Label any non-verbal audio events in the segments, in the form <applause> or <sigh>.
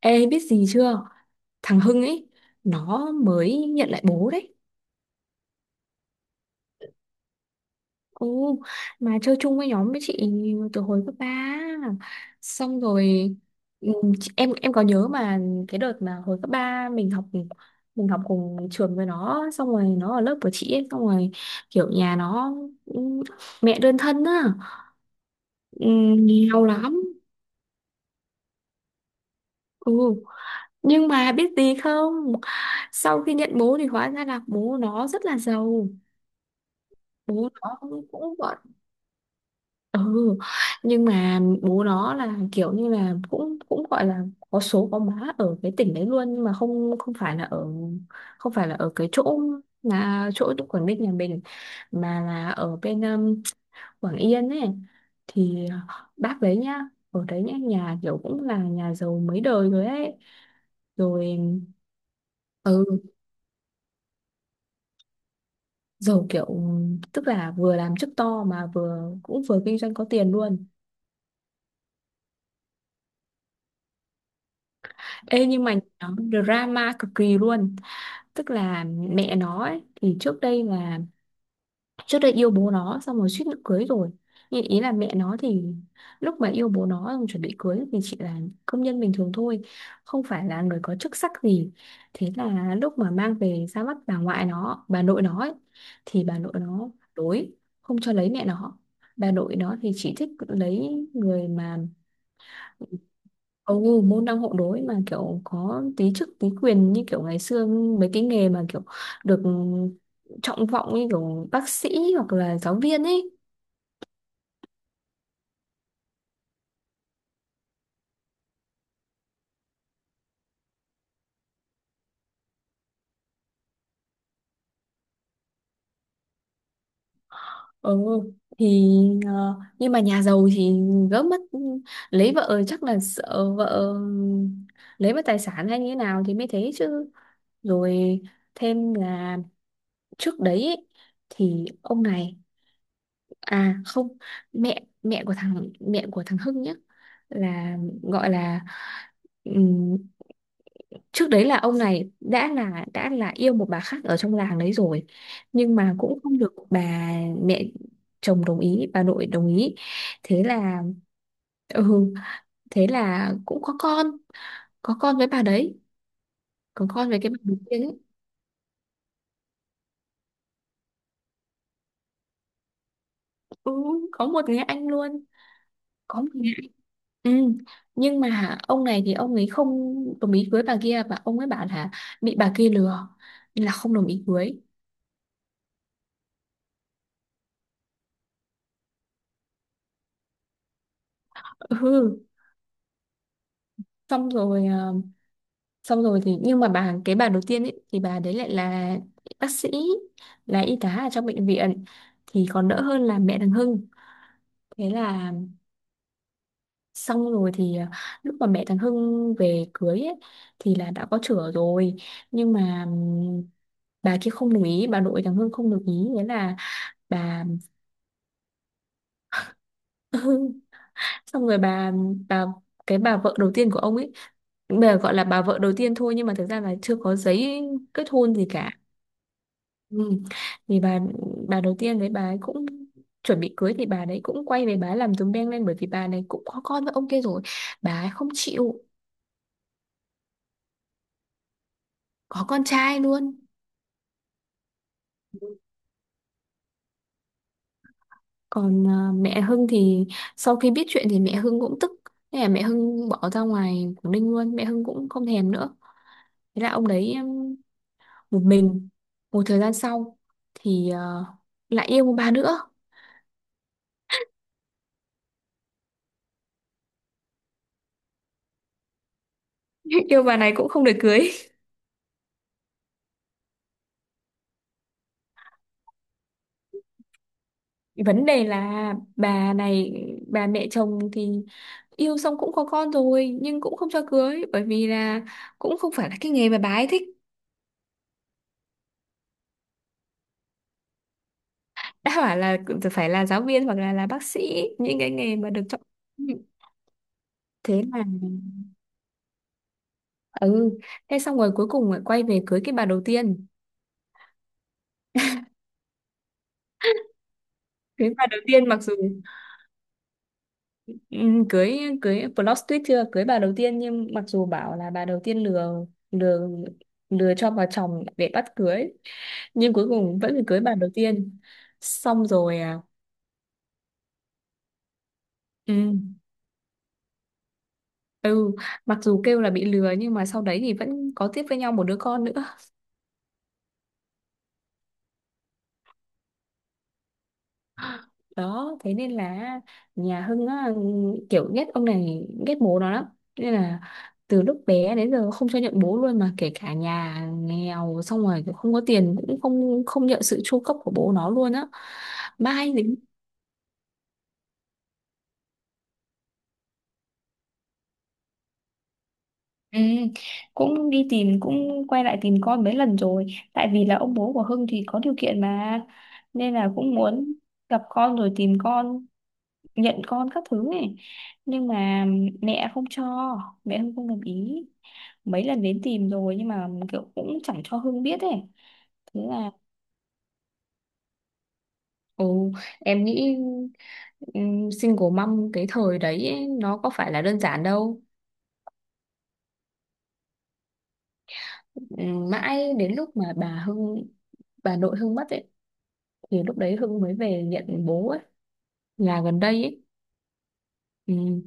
Ê, biết gì chưa? Thằng Hưng ấy, nó mới nhận lại bố đấy. Ồ, mà chơi chung với nhóm với chị từ hồi cấp ba. Xong rồi ừ, em có nhớ mà. Cái đợt mà hồi cấp 3 mình học, mình học cùng trường với nó. Xong rồi nó ở lớp của chị ấy. Xong rồi kiểu nhà nó, ừ, mẹ đơn thân á. Ừ, nghèo lắm. Ừ, nhưng mà biết gì không? Sau khi nhận bố thì hóa ra là bố nó rất là giàu. Bố nó cũng cũng gọi... Ừ, nhưng mà bố nó là kiểu như là cũng cũng gọi là có số có má ở cái tỉnh đấy luôn, nhưng mà không không phải là ở, cái chỗ là chỗ Quảng Ninh nhà mình, mà là ở bên Quảng Yên ấy thì, bác đấy nhá, ở đấy nhá, nhà kiểu cũng là nhà giàu mấy đời rồi ấy. Rồi ừ, giàu kiểu tức là vừa làm chức to mà vừa cũng vừa kinh doanh có tiền luôn. Ê nhưng mà nó drama cực kỳ luôn. Tức là mẹ nó ấy, thì trước đây yêu bố nó xong rồi suýt nữa cưới rồi. Nhưng ý là mẹ nó thì lúc mà yêu bố nó xong chuẩn bị cưới thì chỉ là công nhân bình thường thôi, không phải là người có chức sắc gì. Thế là lúc mà mang về ra mắt bà nội nó ấy, thì bà nội nó đối, không cho lấy mẹ nó. Bà nội nó thì chỉ thích lấy người mà... Ồ, môn đăng hộ đối mà kiểu có tí chức tí quyền, như kiểu ngày xưa mấy cái nghề mà kiểu được trọng vọng như kiểu bác sĩ hoặc là giáo viên ấy. Ừ, thì nhưng mà nhà giàu thì gỡ mất, lấy vợ chắc là sợ vợ lấy mất tài sản hay như thế nào thì mới thế chứ. Rồi thêm là trước đấy ấy, thì ông này, à không, mẹ mẹ của thằng Hưng nhé, là gọi là ừm, trước đấy là ông này đã là yêu một bà khác ở trong làng đấy rồi, nhưng mà cũng không được bà mẹ chồng đồng ý, bà nội đồng ý. Thế là ừ, thế là cũng có con, có con với bà đấy. Có con với cái bà đầu tiên ấy. Ừ, có một người anh luôn, có một người. Ừ. Nhưng mà ông này thì ông ấy không đồng ý cưới bà kia, và ông ấy bảo là bị bà kia lừa nên là không đồng ý cưới. Ừ. Xong rồi ờ, Xong rồi thì nhưng mà cái bà đầu tiên ấy thì bà đấy lại là bác sĩ, là y tá ở trong bệnh viện thì còn đỡ hơn là mẹ thằng Hưng. Thế là xong rồi thì lúc mà mẹ thằng Hưng về cưới ấy, thì là đã có chửa rồi, nhưng mà bà kia không đồng ý, bà nội thằng Hưng không đồng ý, thế là bà <laughs> xong rồi bà cái bà vợ đầu tiên của ông ấy, bây giờ gọi là bà vợ đầu tiên thôi nhưng mà thực ra là chưa có giấy kết hôn gì cả. Ừ. Thì bà đầu tiên đấy, bà ấy cũng chuẩn bị cưới thì bà đấy cũng quay về, bà ấy làm dùm beng lên bởi vì bà này cũng có con với ông kia rồi, bà ấy không chịu. Có con trai luôn. Còn à, mẹ Hưng thì sau khi biết chuyện thì mẹ Hưng cũng tức, thế là mẹ Hưng bỏ ra ngoài Quảng Ninh luôn, mẹ Hưng cũng không thèm nữa. Thế là ông đấy một mình, một thời gian sau thì lại yêu một bà nữa. <laughs> Yêu bà này cũng không được cưới. Vấn đề là bà này, bà mẹ chồng thì yêu xong cũng có con rồi nhưng cũng không cho cưới bởi vì là cũng không phải là cái nghề mà bà ấy thích. Đã bảo là phải là giáo viên hoặc là bác sĩ, những cái nghề mà được chọn. Thế là ừ, thế xong rồi cuối cùng lại quay về cưới cái bà đầu tiên. Cưới bà đầu tiên mặc dù... Ừ, cưới cưới plot twist chưa, cưới bà đầu tiên nhưng mặc dù bảo là bà đầu tiên lừa, lừa lừa cho bà chồng để bắt cưới, nhưng cuối cùng vẫn phải cưới bà đầu tiên xong rồi, à ừ, ừ, mặc dù kêu là bị lừa nhưng mà sau đấy thì vẫn có tiếp với nhau một đứa con nữa. Đó, thế nên là nhà Hưng á, kiểu ghét ông này, ghét bố nó lắm, nên là từ lúc bé đến giờ không cho nhận bố luôn, mà kể cả nhà nghèo xong rồi kiểu không có tiền cũng không không nhận sự chu cấp của bố nó luôn á. Mai dính. Ừ, cũng đi tìm, cũng quay lại tìm con mấy lần rồi. Tại vì là ông bố của Hưng thì có điều kiện mà, nên là cũng muốn gặp con rồi tìm con, nhận con các thứ ấy. Nhưng mà mẹ không cho, mẹ Hưng không đồng ý, mấy lần đến tìm rồi nhưng mà kiểu cũng chẳng cho Hưng biết ấy. Thế là ồ, em nghĩ single mom cái thời đấy ấy, nó có phải là đơn giản đâu. Mãi đến lúc mà bà nội Hưng mất ấy thì lúc đấy Hưng mới về nhận bố ấy, là gần đây ấy. Ừm.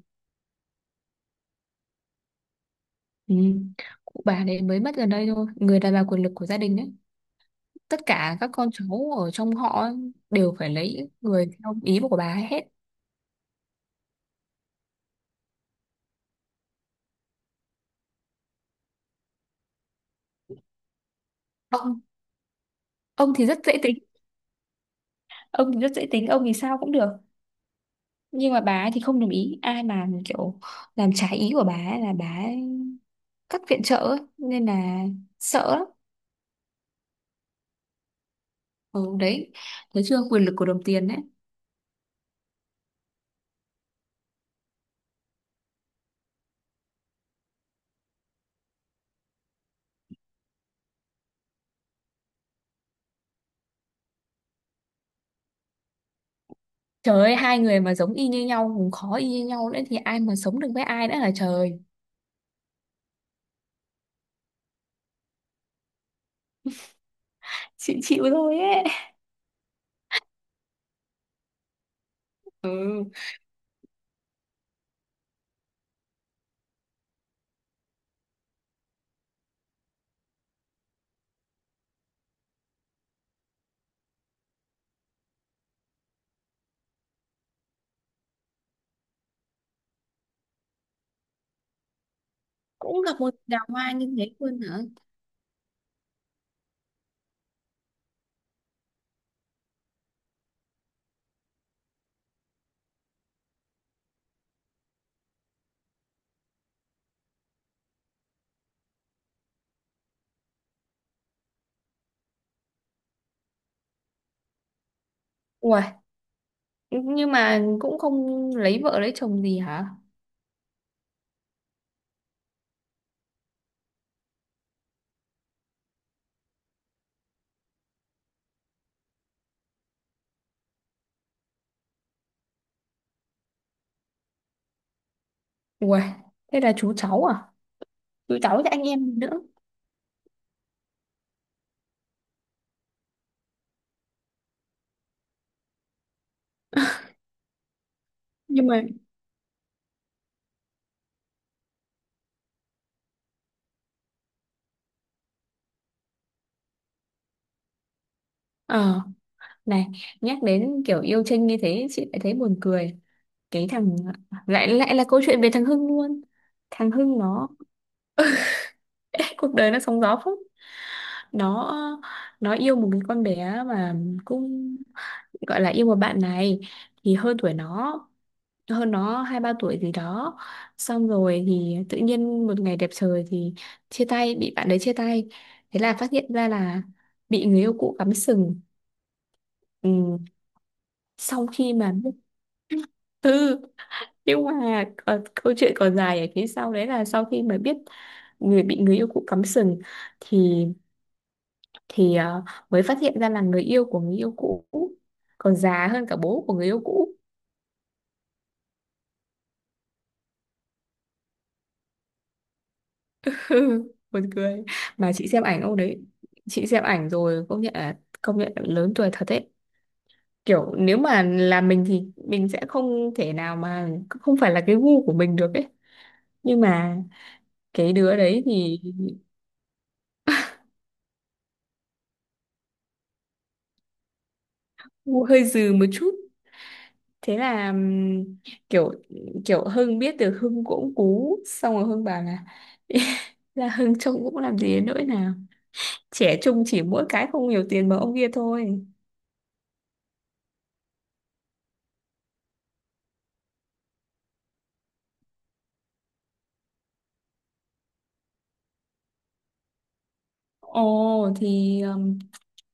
Ừm. Cụ bà đấy mới mất gần đây thôi, người đàn bà quyền lực của gia đình ấy. Tất cả các con cháu ở trong họ ấy đều phải lấy người theo ý của bà ấy hết. Ông ông thì rất dễ tính, ông thì sao cũng được. Nhưng mà bà ấy thì không đồng ý, ai mà kiểu làm trái ý của bà ấy là bà ấy cắt viện trợ ấy, nên là sợ lắm. Ừ, đấy, thấy chưa, quyền lực của đồng tiền đấy. Trời ơi, hai người mà giống y như nhau, cũng khó, y như nhau nữa thì ai mà sống được với ai nữa là trời. Chịu chịu thôi ấy. Ừ. Cũng gặp một đào hoa như thế luôn hả? Ủa, nhưng mà cũng không lấy vợ lấy chồng gì hả? Ủa, thế là chú cháu à, chú cháu với anh em nữa, nhưng mà ờ Này, nhắc đến kiểu yêu Trinh như thế, chị lại thấy buồn cười. Cái thằng, lại lại là câu chuyện về thằng Hưng luôn. Thằng Hưng nó, <laughs> cuộc đời nó sóng gió phết. Nó, nó yêu một cái con bé mà, cũng gọi là yêu một bạn này thì hơn tuổi nó, hơn nó 2 3 tuổi gì đó. Xong rồi thì tự nhiên một ngày đẹp trời thì chia tay, bị bạn đấy chia tay, thế là phát hiện ra là bị người yêu cũ cắm sừng. Ừ, sau khi mà, ừ, nhưng mà còn, câu chuyện còn dài ở phía sau đấy là sau khi mà biết người bị người yêu cũ cắm sừng thì thì ờ, mới phát hiện ra là người yêu của người yêu cũ còn già hơn cả bố của người yêu cũ. <laughs> Ừ, buồn cười. Mà chị xem ảnh ông đấy, chị xem ảnh rồi công nhận là lớn tuổi thật đấy. Kiểu nếu mà là mình thì mình sẽ không thể nào, mà không phải là cái gu của mình được ấy. Nhưng mà cái đứa đấy thì... Gu hơi dừ một chút. Thế là kiểu kiểu Hưng biết được, Hưng cũng cú, xong rồi Hưng bảo là <laughs> là Hưng trông cũng làm gì đến nỗi nào, trẻ trung, chỉ mỗi cái không nhiều tiền mà ông kia thôi. Ồ, thì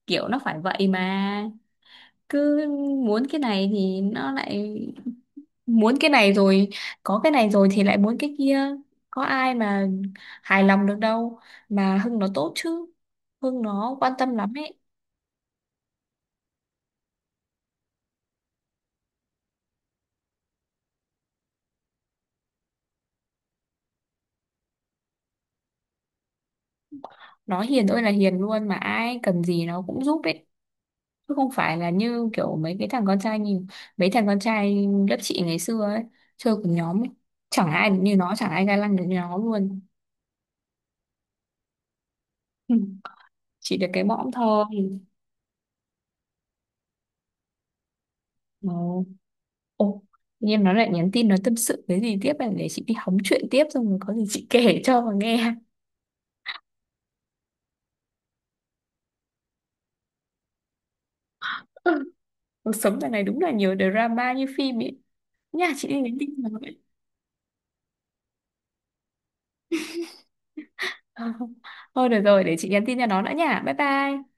kiểu nó phải vậy mà, cứ muốn cái này thì nó lại muốn cái này rồi, có cái này rồi thì lại muốn cái kia, có ai mà hài lòng được đâu. Mà Hưng nó tốt chứ, Hưng nó quan tâm lắm ấy. Nó hiền ơi là hiền luôn, mà ai cần gì nó cũng giúp ấy, chứ không phải là như kiểu mấy thằng con trai lớp chị ngày xưa ấy, chơi cùng nhóm ấy. Chẳng ai được như nó, chẳng ai ga lăng được như nó luôn. <laughs> Chỉ được cái mõm thôi. Ồ, ồ, tự nhiên nó lại nhắn tin, nó tâm sự cái gì tiếp này để chị đi hóng chuyện tiếp, xong rồi có gì chị kể cho mà nghe. <laughs> Cuộc sống dạo này đúng là nhiều drama như phim ấy. Nha, chị đi nhắn tin cho nó <laughs> vậy. Ờ, thôi được rồi, để chị nhắn tin cho nó đã nha. Bye bye.